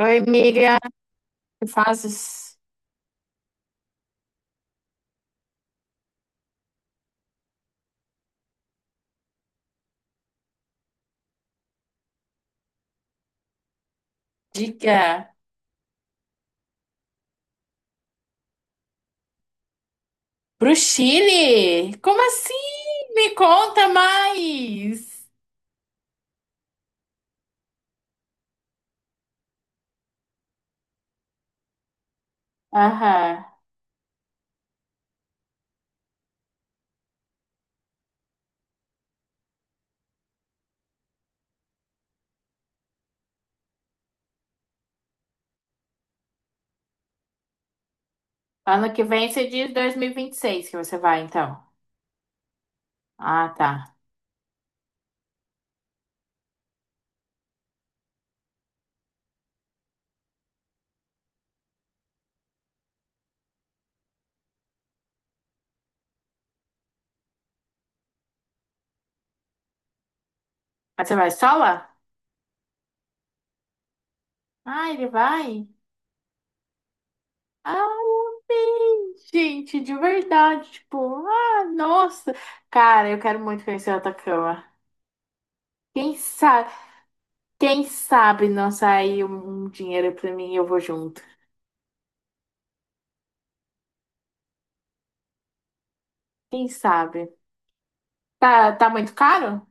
Oi, amiga, que fazes? Diga. Pro Chile? Como assim? Me conta mais. Aham. Ano que vem você diz 2026, que você vai, então. Ah, tá. Mas você vai sola? Ah, ele vai? Ah, bem, gente, de verdade. Tipo, ah, nossa. Cara, eu quero muito conhecer o Atacama. Quem sabe, quem sabe não sair um dinheiro pra mim e eu vou junto. Quem sabe? Tá, tá muito caro?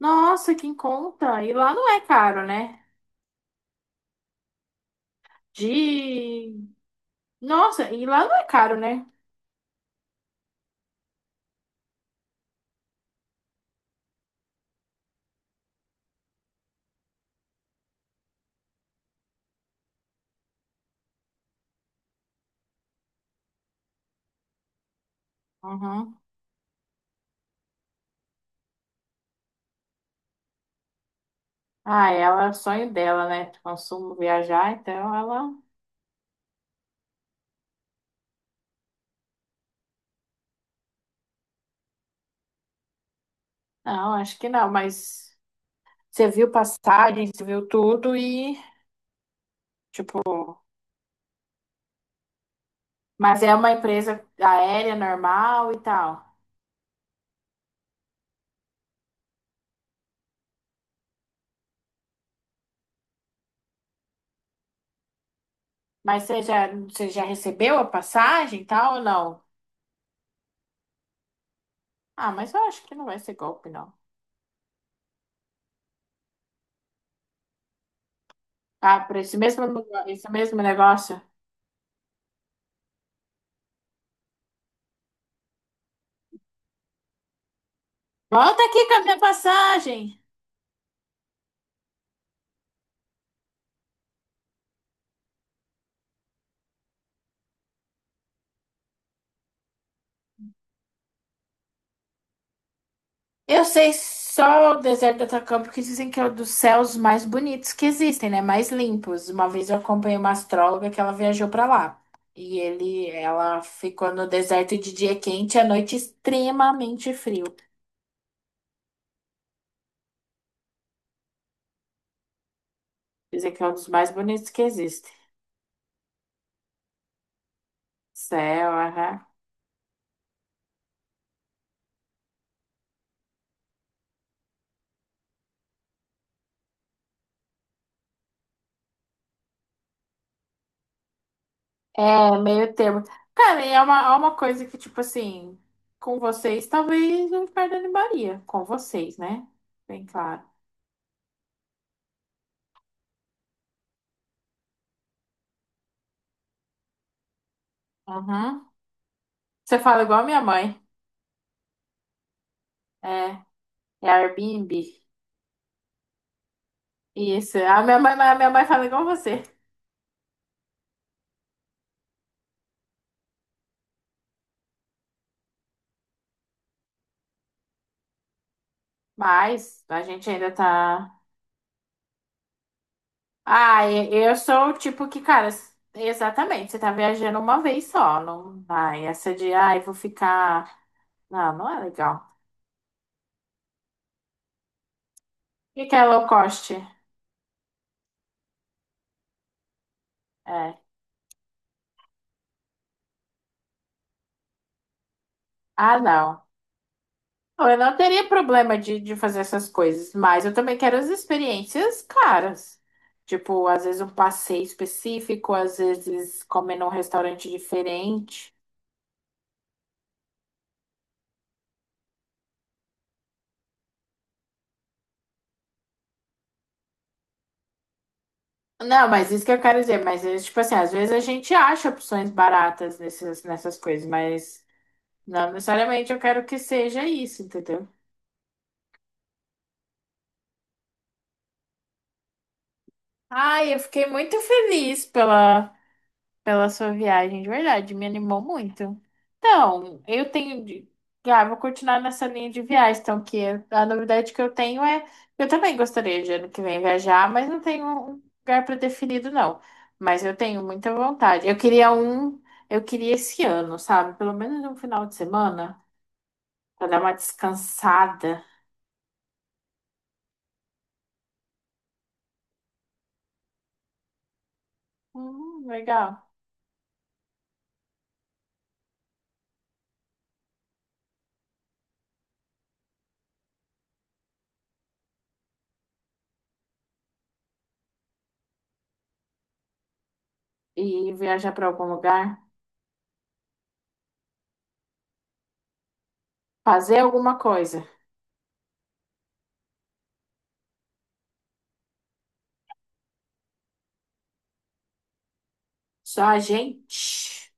Nossa, que em conta. E lá não é caro, né? De. Nossa, e lá não é caro, né? Uhum. Ah, é, ela, é o sonho dela, né? Consumo viajar, então ela. Não, acho que não, mas você viu passagem, você viu tudo e, tipo. Mas é uma empresa aérea normal e tal. Mas você já recebeu a passagem e tal ou não? Ah, mas eu acho que não vai ser golpe, não. Ah, para esse mesmo, lugar- esse mesmo negócio. Volta aqui com a minha passagem. Eu sei só o deserto do Atacama, porque dizem que é um dos céus mais bonitos que existem, né? Mais limpos. Uma vez eu acompanhei uma astróloga que ela viajou pra lá. E ele, ela ficou no deserto de dia quente e à noite extremamente frio. Dizem que é um dos mais bonitos que existem. Céu, aham. É, meio termo. Cara, e é uma coisa que, tipo assim, com vocês, talvez eu me perdone Maria. Com vocês, né? Bem claro. Uhum. Você fala igual a minha mãe. É, é Airbnb. Isso. A minha mãe fala igual você. Mas a gente ainda tá. Ah, e- eu sou o tipo que, cara, s- exatamente, você tá viajando uma vez só. Não. Ai, essa de, ai, vou ficar. Não, não é legal. O que que é low cost? É. Ah, não. Não, eu não teria problema de fazer essas coisas, mas eu também quero as experiências caras. Tipo, às vezes um passeio específico, às vezes comer num restaurante diferente. Não, mas isso que eu quero dizer, mas é, tipo assim, às vezes a gente acha opções baratas nessas, nessas coisas, mas não necessariamente eu quero que seja isso, entendeu? Ai, eu fiquei muito feliz pela pela sua viagem, de verdade, me animou muito. Então, eu tenho. De. Ah, vou continuar nessa linha de viagens, então, que é, a novidade que eu tenho é. Eu também gostaria de ano que vem viajar, mas não tenho um lugar pré-definido, não. Mas eu tenho muita vontade. Eu queria um. Eu queria esse ano, sabe? Pelo menos um final de semana, pra dar uma descansada. Legal. E viajar pra algum lugar, fazer alguma coisa. Só a gente.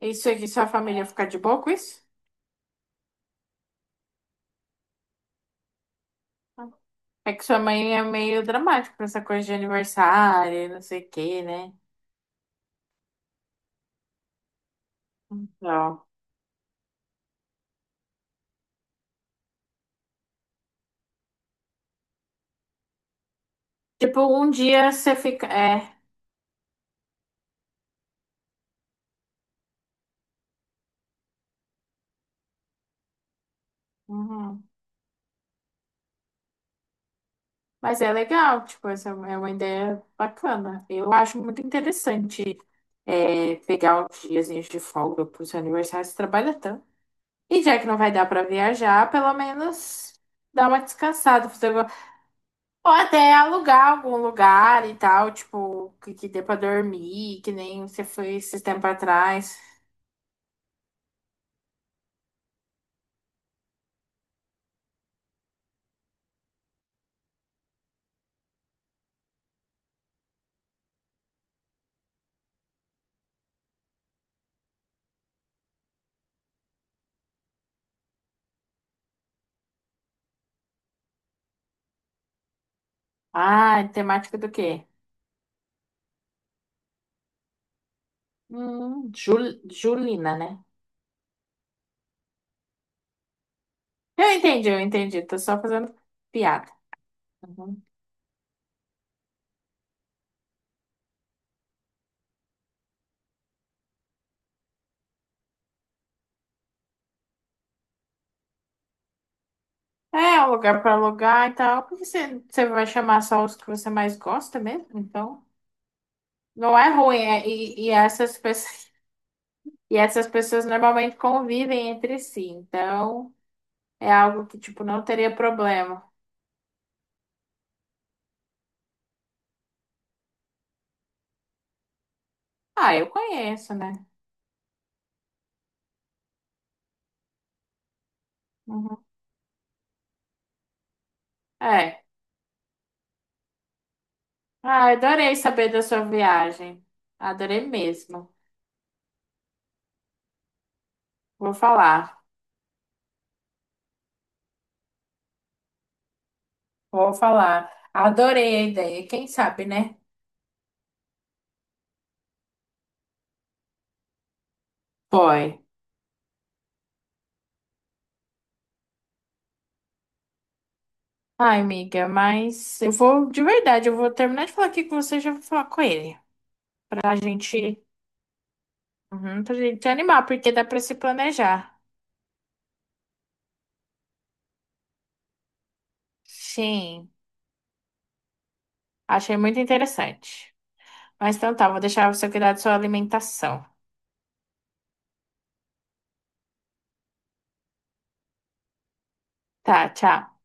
Isso aqui, sua família ficar de boa com isso? É que sua mãe é meio dramática pra essa coisa de aniversário, e não sei o quê, né? Então, tipo, um dia você fica. É. Uhum. Mas é legal, tipo, essa é uma ideia bacana. Eu acho muito interessante é, pegar uns diazinhos de folga pro seu aniversário, você trabalha tanto. E já que não vai dar pra viajar, pelo menos dar uma descansada, fazer alguma. Ou até alugar algum lugar e tal, tipo, que dê pra dormir, que nem você foi esses tempos atrás. Ah, temática do quê? Jul- Julina, né? Eu entendi, eu entendi. Tô só fazendo piada. Uhum. É, um lugar pra alugar e tal. Porque você, você vai chamar só os que você mais gosta mesmo? Então, não é ruim. É- e, e essas pessoas normalmente convivem entre si. Então, é algo que, tipo, não teria problema. Ah, eu conheço, né? Uhum. É. Ah, adorei saber da sua viagem. Adorei mesmo. Vou falar. Vou falar. Adorei a ideia. Quem sabe, né? Boy. Ai, amiga, mas eu vou, de verdade, eu vou terminar de falar aqui com você e já vou falar com ele. Pra gente, uhum, pra gente se animar, porque dá pra se planejar. Sim, achei muito interessante. Mas então tá, vou deixar você cuidar da sua alimentação. Tá, tchau.